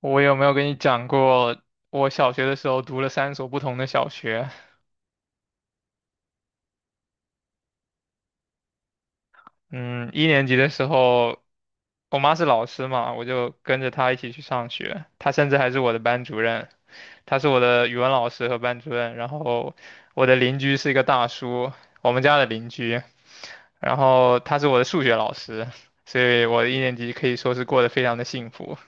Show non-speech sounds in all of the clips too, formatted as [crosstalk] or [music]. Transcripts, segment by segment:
我有没有跟你讲过，我小学的时候读了三所不同的小学？嗯，一年级的时候，我妈是老师嘛，我就跟着她一起去上学。她甚至还是我的班主任，她是我的语文老师和班主任。然后我的邻居是一个大叔，我们家的邻居。然后他是我的数学老师，所以我的一年级可以说是过得非常的幸福。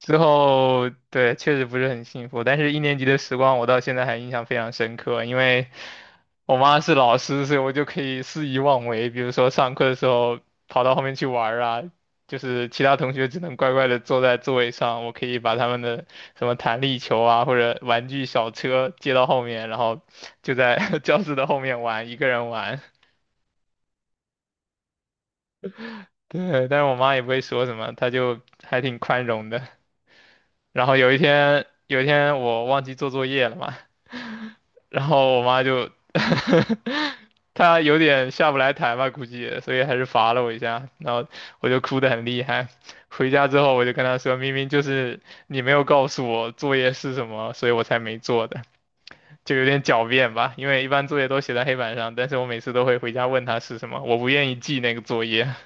之后，对，确实不是很幸福，但是一年级的时光我到现在还印象非常深刻，因为我妈是老师，所以我就可以肆意妄为，比如说上课的时候跑到后面去玩儿啊，就是其他同学只能乖乖的坐在座位上，我可以把他们的什么弹力球啊或者玩具小车接到后面，然后就在 [laughs] 教室的后面玩，一个人玩。对，但是我妈也不会说什么，她就还挺宽容的。然后有一天我忘记做作业了嘛，然后我妈就 [laughs] 他有点下不来台吧，估计，所以还是罚了我一下，然后我就哭得很厉害。回家之后我就跟他说，明明就是你没有告诉我作业是什么，所以我才没做的，就有点狡辩吧。因为一般作业都写在黑板上，但是我每次都会回家问他是什么，我不愿意记那个作业。[laughs]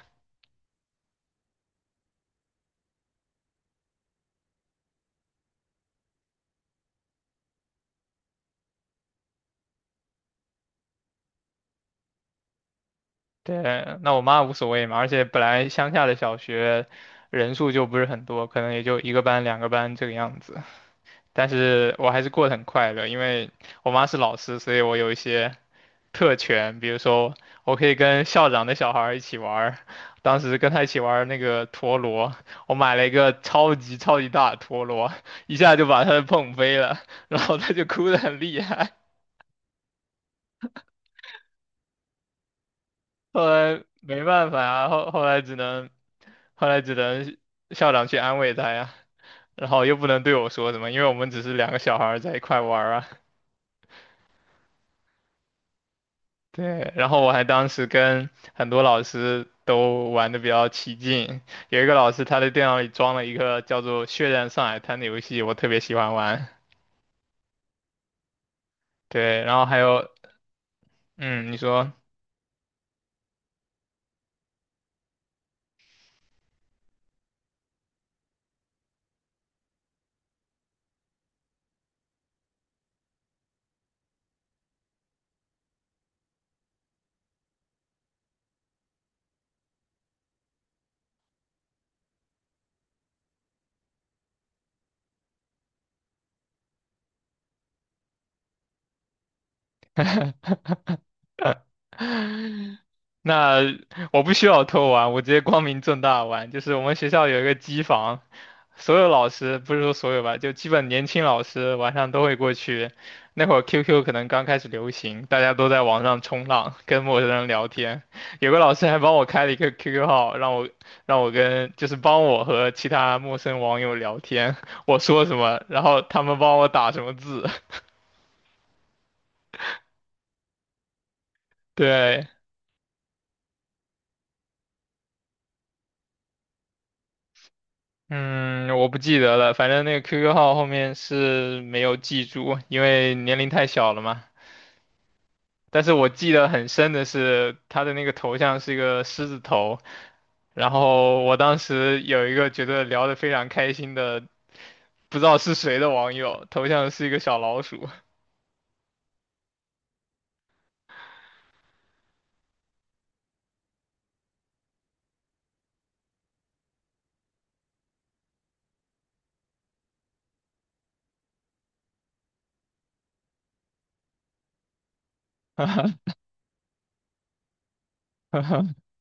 对，那我妈无所谓嘛，而且本来乡下的小学人数就不是很多，可能也就一个班、两个班这个样子。但是我还是过得很快乐，因为我妈是老师，所以我有一些特权，比如说我可以跟校长的小孩儿一起玩儿当时跟他一起玩儿那个陀螺，我买了一个超级超级大的陀螺，一下就把他碰飞了，然后他就哭得很厉害，后来没办法啊，后来只能校长去安慰他呀，然后又不能对我说什么，因为我们只是两个小孩儿在一块玩儿啊。对，然后我还当时跟很多老师都玩的比较起劲，有一个老师他的电脑里装了一个叫做《血战上海滩》的游戏，我特别喜欢玩。对，然后还有，嗯，你说。那我不需要偷玩，我直接光明正大玩。就是我们学校有一个机房，所有老师不是说所有吧，就基本年轻老师晚上都会过去。那会儿 QQ 可能刚开始流行，大家都在网上冲浪，跟陌生人聊天。有个老师还帮我开了一个 QQ 号，让我跟就是帮我和其他陌生网友聊天，我说什么，然后他们帮我打什么字。[laughs] 对，嗯，我不记得了，反正那个 QQ 号后面是没有记住，因为年龄太小了嘛。但是我记得很深的是他的那个头像是一个狮子头，然后我当时有一个觉得聊得非常开心的，不知道是谁的网友，头像是一个小老鼠。[laughs]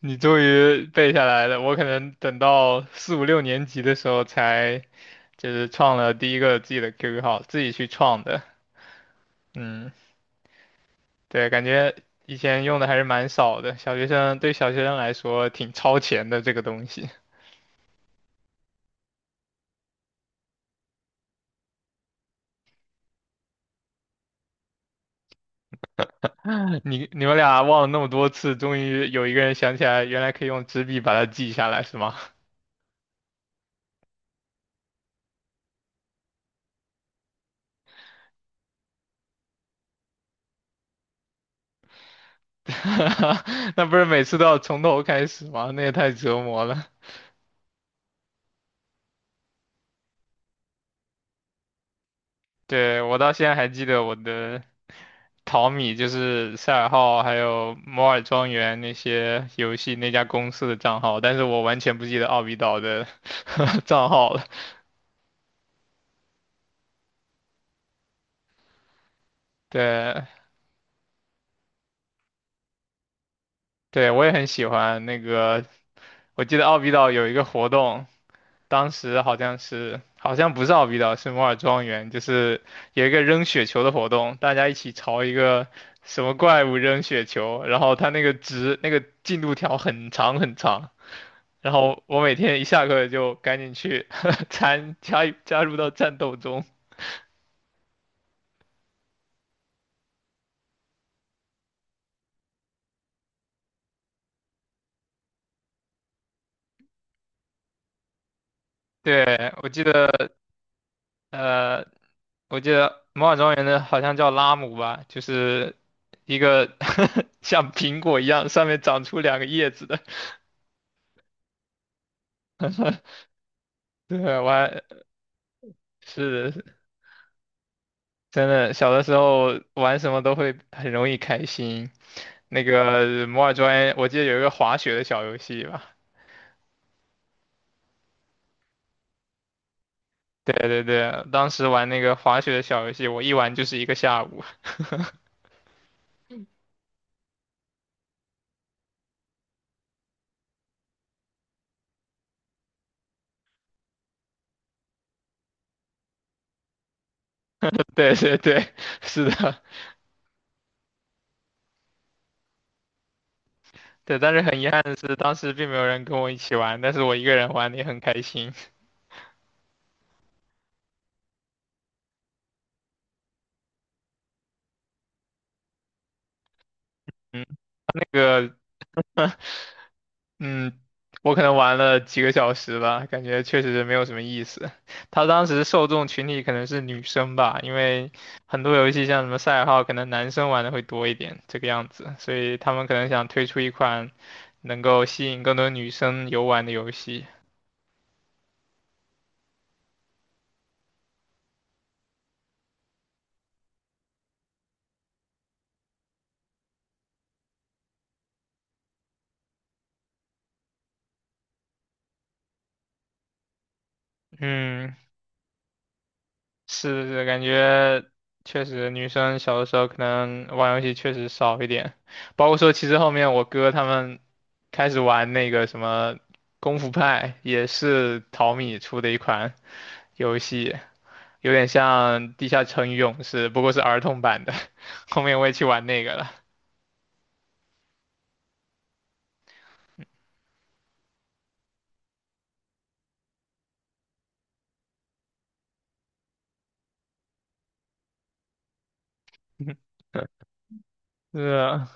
你终于背下来了，我可能等到四五六年级的时候才就是创了第一个自己的 QQ 号，自己去创的。嗯。对，感觉以前用的还是蛮少的，小学生对小学生来说挺超前的这个东西。[laughs] 你你们俩忘了那么多次，终于有一个人想起来，原来可以用纸笔把它记下来，是吗？[laughs] 那不是每次都要从头开始吗？那也太折磨了。对，我到现在还记得我的淘米，就是赛尔号还有摩尔庄园那些游戏那家公司的账号，但是我完全不记得奥比岛的 [laughs] 账号了。对，对，我也很喜欢那个。我记得奥比岛有一个活动，当时好像是好像不是奥比岛，是摩尔庄园，就是有一个扔雪球的活动，大家一起朝一个什么怪物扔雪球，然后它那个值那个进度条很长很长，然后我每天一下课就赶紧去 [laughs] 加入到战斗中。对，我记得。呃，我记得魔法庄园的好像叫拉姆吧，就是一个 [laughs] 像苹果一样上面长出两个叶子的。[laughs] 对，我还是的真的，小的时候玩什么都会很容易开心。那个摩尔庄园，我记得有一个滑雪的小游戏吧。对对对，当时玩那个滑雪的小游戏，我一玩就是一个下午。[laughs] 对对对，是的，对，但是很遗憾的是，当时并没有人跟我一起玩，但是我一个人玩的也很开心。[laughs] 这个，嗯，我可能玩了几个小时吧，感觉确实没有什么意思。他当时受众群体可能是女生吧，因为很多游戏像什么赛尔号，可能男生玩的会多一点，这个样子，所以他们可能想推出一款能够吸引更多女生游玩的游戏。嗯，是是，感觉确实女生小的时候可能玩游戏确实少一点，包括说其实后面我哥他们开始玩那个什么功夫派，也是淘米出的一款游戏，有点像《地下城与勇士》，不过是儿童版的。[laughs] 后面我也去玩那个了。[laughs] 是啊，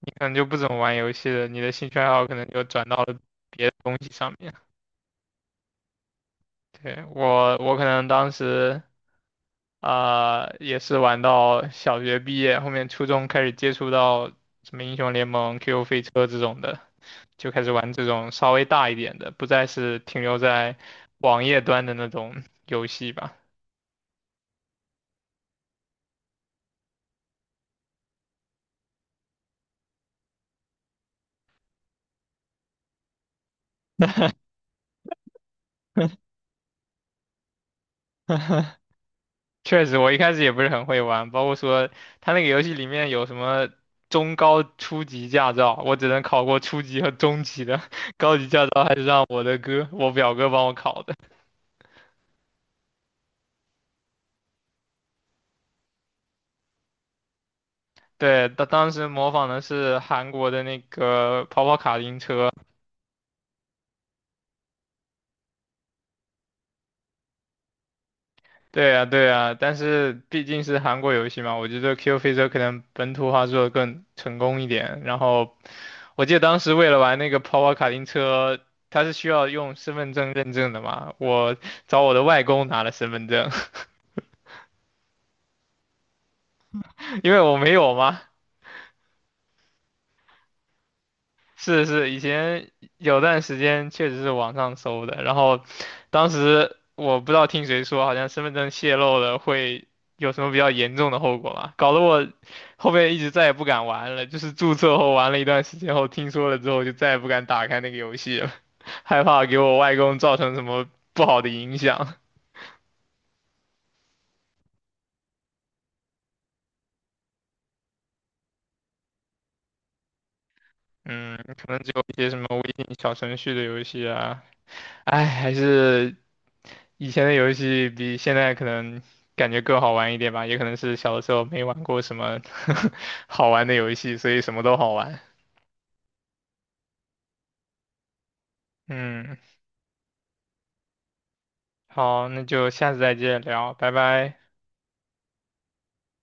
你可能就不怎么玩游戏了，你的兴趣爱好可能就转到了别的东西上面。对，我可能当时。啊、也是玩到小学毕业，后面初中开始接触到什么英雄联盟、QQ 飞车这种的，就开始玩这种稍微大一点的，不再是停留在网页端的那种游戏吧。[laughs] 确实，我一开始也不是很会玩，包括说他那个游戏里面有什么中高初级驾照，我只能考过初级和中级的，[laughs] 高级驾照还是让我的哥，我表哥帮我考的。对，他当时模仿的是韩国的那个跑跑卡丁车。对呀，对呀，但是毕竟是韩国游戏嘛，我觉得 Q 飞车可能本土化做的更成功一点。然后我记得当时为了玩那个跑跑卡丁车，它是需要用身份证认证的嘛，我找我的外公拿了身份证，[laughs] 因为我没有嘛。是是，以前有段时间确实是网上搜的，然后当时我不知道听谁说，好像身份证泄露了会有什么比较严重的后果嘛，搞得我后面一直再也不敢玩了，就是注册后玩了一段时间后，听说了之后就再也不敢打开那个游戏了，[laughs] 害怕给我外公造成什么不好的影响。嗯，可能只有一些什么微信小程序的游戏啊，哎，还是以前的游戏比现在可能感觉更好玩一点吧，也可能是小的时候没玩过什么 [laughs] 好玩的游戏，所以什么都好玩。嗯，好，那就下次再见聊，拜拜。